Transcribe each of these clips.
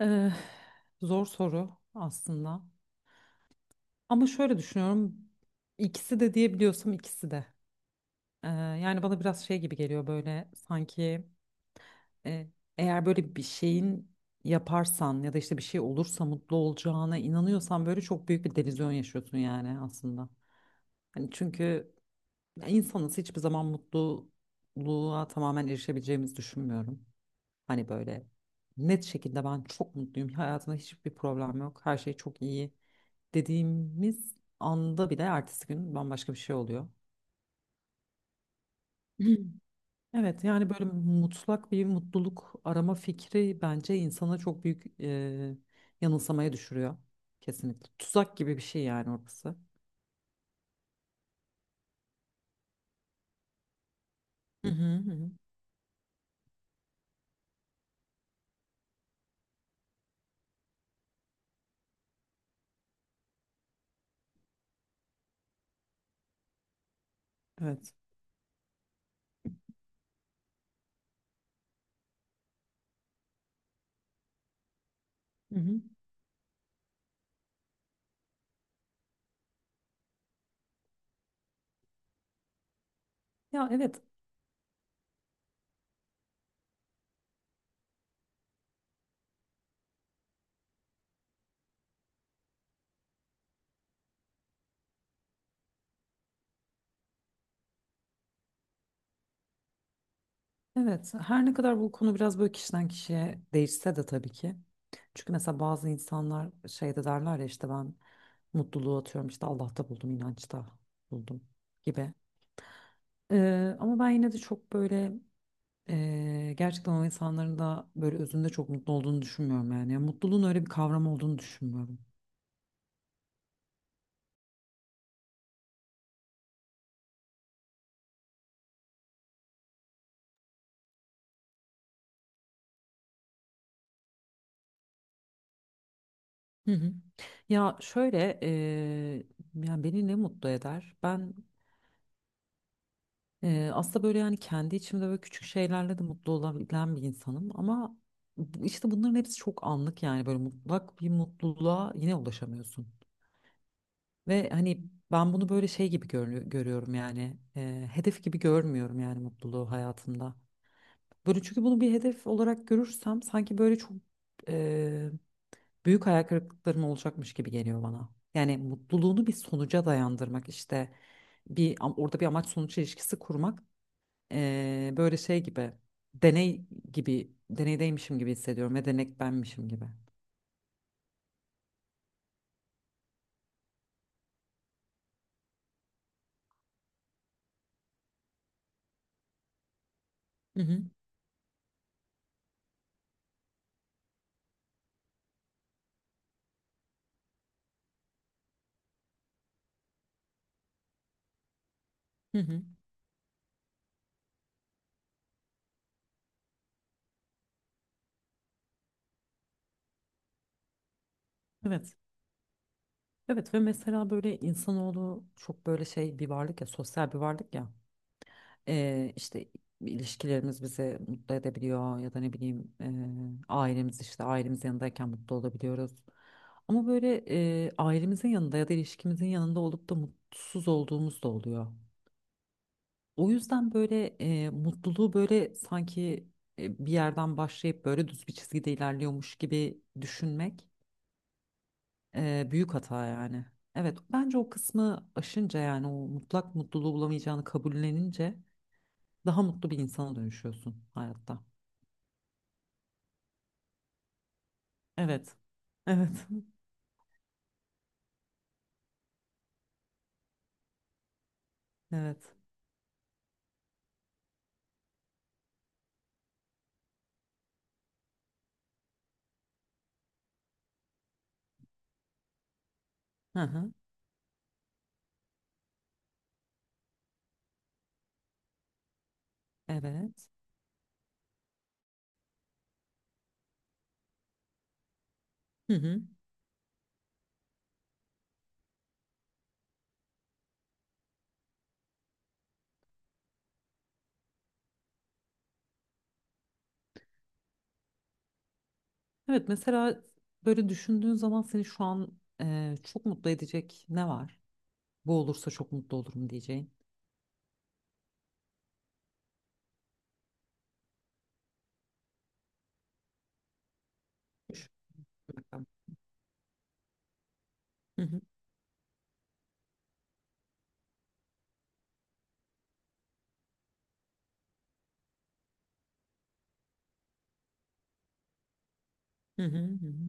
Ee, Zor soru aslında. Ama şöyle düşünüyorum. İkisi de diyebiliyorsam ikisi de. Yani bana biraz şey gibi geliyor böyle sanki e, eğer böyle bir şeyin yaparsan ya da işte bir şey olursa mutlu olacağına inanıyorsan böyle çok büyük bir delüzyon yaşıyorsun yani aslında. Hani çünkü insanız hiçbir zaman mutluluğa tamamen erişebileceğimizi düşünmüyorum. Hani böyle net şekilde ben çok mutluyum. Hayatımda hiçbir problem yok. Her şey çok iyi dediğimiz anda bile ertesi gün bambaşka bir şey oluyor. Evet, yani böyle mutlak bir mutluluk arama fikri bence insana çok büyük yanılsamaya düşürüyor. Kesinlikle. Tuzak gibi bir şey yani orası. Hı hı hı hı. Evet. Hı hı. Ya, evet. Evet, her ne kadar bu konu biraz böyle kişiden kişiye değişse de tabii ki. Çünkü mesela bazı insanlar şey de derler ya, işte ben mutluluğu atıyorum işte Allah'ta buldum, inançta buldum gibi. Ama ben yine de çok böyle gerçekten o insanların da böyle özünde çok mutlu olduğunu düşünmüyorum yani. Yani mutluluğun öyle bir kavram olduğunu düşünmüyorum. Hı hı. Ya şöyle yani beni ne mutlu eder? Ben aslında böyle yani kendi içimde böyle küçük şeylerle de mutlu olabilen bir insanım ama işte bunların hepsi çok anlık yani böyle mutlak bir mutluluğa yine ulaşamıyorsun. Ve hani ben bunu böyle şey gibi görüyorum yani hedef gibi görmüyorum yani mutluluğu hayatımda. Böyle çünkü bunu bir hedef olarak görürsem sanki böyle çok e, büyük hayal kırıklıklarım olacakmış gibi geliyor bana. Yani mutluluğunu bir sonuca dayandırmak işte orada bir amaç sonuç ilişkisi kurmak. Böyle şey gibi deney gibi deneydeymişim gibi hissediyorum ve denek benmişim gibi. Hı hı, hı hı. Evet. Evet ve mesela böyle insanoğlu çok böyle şey bir varlık ya, sosyal bir varlık ya. İşte ilişkilerimiz bizi mutlu edebiliyor ya da ne bileyim ailemiz işte ailemiz yanındayken mutlu olabiliyoruz. Ama böyle ailemizin yanında ya da ilişkimizin yanında olup da mutsuz olduğumuz da oluyor. O yüzden böyle mutluluğu böyle sanki bir yerden başlayıp böyle düz bir çizgide ilerliyormuş gibi düşünmek büyük hata yani. Evet bence o kısmı aşınca yani o mutlak mutluluğu bulamayacağını kabullenince daha mutlu bir insana dönüşüyorsun hayatta. Evet. Evet. Evet. Hı hı. Evet. Hı hı. Evet mesela böyle düşündüğün zaman seni şu an çok mutlu edecek ne var? Bu olursa çok mutlu olurum diyeceğin. Düşün bakalım. Hı hı. Hı hı hı hı.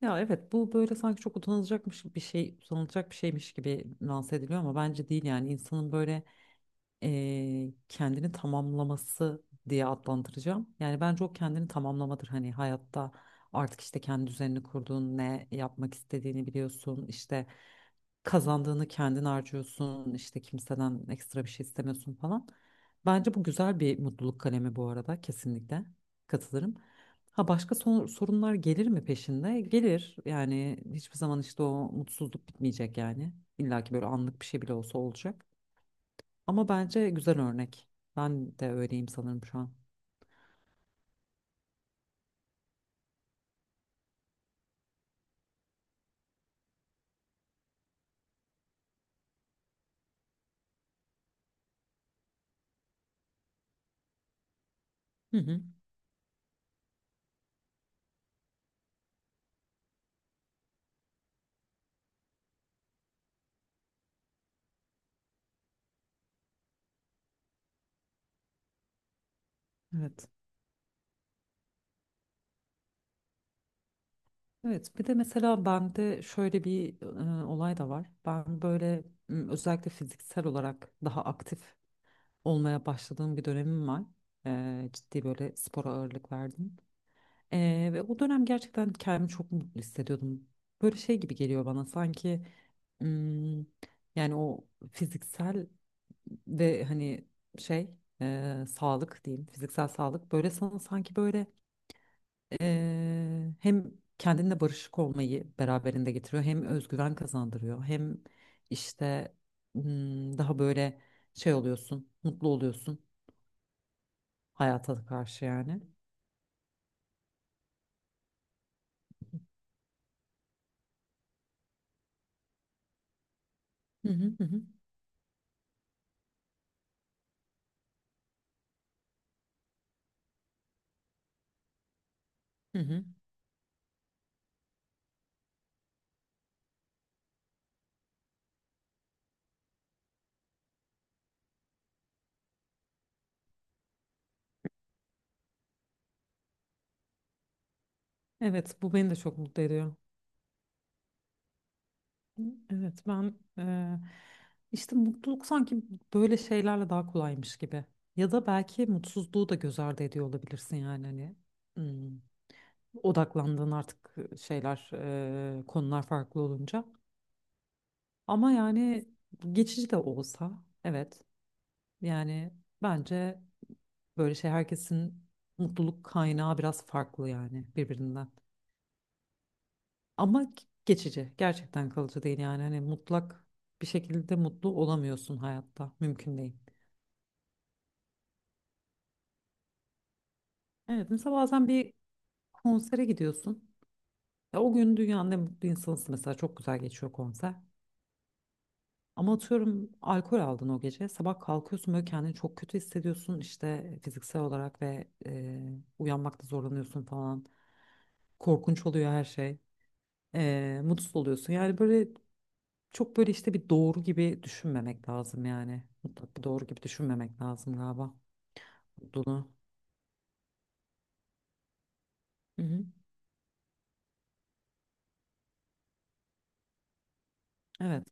Ya, evet bu böyle sanki çok utanılacakmış bir şey utanılacak bir şeymiş gibi lanse ediliyor ama bence değil yani insanın böyle kendini tamamlaması diye adlandıracağım. Yani bence o kendini tamamlamadır. Hani hayatta artık işte kendi düzenini kurduğun, ne yapmak istediğini biliyorsun. İşte kazandığını kendin harcıyorsun. İşte kimseden ekstra bir şey istemiyorsun falan. Bence bu güzel bir mutluluk kalemi bu arada, kesinlikle katılırım. Ha, başka sorunlar gelir mi peşinde? Gelir. Yani hiçbir zaman işte o mutsuzluk bitmeyecek yani. İlla ki böyle anlık bir şey bile olsa olacak. Ama bence güzel örnek. Ben de öyleyim sanırım şu an. Hı hı. Evet. Evet. Bir de mesela bende şöyle bir olay da var. Ben böyle özellikle fiziksel olarak daha aktif olmaya başladığım bir dönemim var. Ciddi böyle spora ağırlık verdim. Ve o dönem gerçekten kendimi çok mutlu hissediyordum. Böyle şey gibi geliyor bana sanki m, yani o fiziksel ve hani şey sağlık diyeyim, fiziksel sağlık böyle sana sanki böyle hem kendinle barışık olmayı beraberinde getiriyor, hem özgüven kazandırıyor, hem işte daha böyle şey oluyorsun, mutlu oluyorsun hayata karşı yani. Hı hı hı hı hı hı. Evet bu beni de çok mutlu ediyor. Evet ben işte mutluluk sanki böyle şeylerle daha kolaymış gibi. Ya da belki mutsuzluğu da göz ardı ediyor olabilirsin yani hani hmm, odaklandığın artık şeyler konular farklı olunca. Ama yani geçici de olsa, evet yani bence böyle şey, herkesin mutluluk kaynağı biraz farklı yani birbirinden. Ama geçici. Gerçekten kalıcı değil yani. Hani mutlak bir şekilde mutlu olamıyorsun hayatta. Mümkün değil. Evet mesela bazen bir konsere gidiyorsun. Ya o gün dünyanın en mutlu insanısın mesela. Çok güzel geçiyor konser. Ama atıyorum alkol aldın o gece. Sabah kalkıyorsun böyle kendini çok kötü hissediyorsun. İşte fiziksel olarak ve uyanmakta zorlanıyorsun falan. Korkunç oluyor her şey. Mutsuz oluyorsun. Yani böyle çok böyle işte bir doğru gibi düşünmemek lazım yani. Mutlak bir doğru gibi düşünmemek lazım galiba. Mutluluğu. Hı hı. Evet.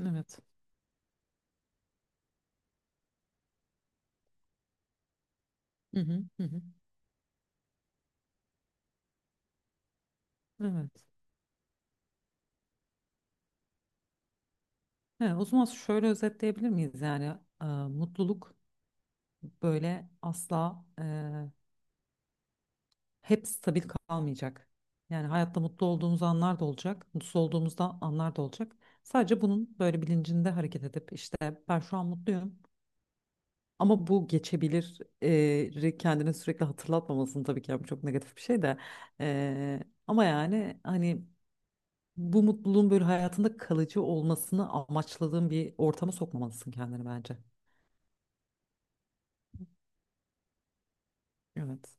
Evet. Hı hı. Hı hı. Evet. He, o zaman şöyle özetleyebilir miyiz yani mutluluk böyle asla hep stabil kalmayacak. Yani hayatta mutlu olduğumuz anlar da olacak, mutsuz olduğumuzda anlar da olacak. Sadece bunun böyle bilincinde hareket edip işte ben şu an mutluyum. Ama bu geçebilir kendine sürekli hatırlatmamasını tabii ki yani, bu çok negatif bir şey de. E, Ama yani hani bu mutluluğun böyle hayatında kalıcı olmasını amaçladığın bir ortama sokmamalısın kendini bence. Evet.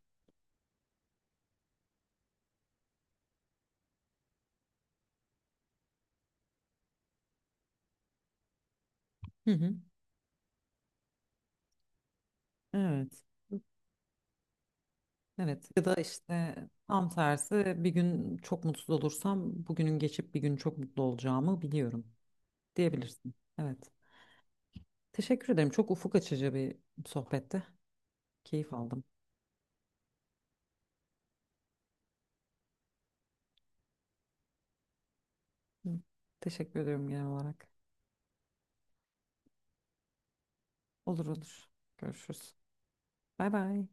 Hı hı. Evet. Evet. Ya da işte tam tersi, bir gün çok mutsuz olursam bugünün geçip bir gün çok mutlu olacağımı biliyorum diyebilirsin. Evet. Teşekkür ederim. Çok ufuk açıcı bir sohbette. Keyif aldım. Hı. Teşekkür ediyorum genel olarak. Olur olur. Görüşürüz. Bay bay.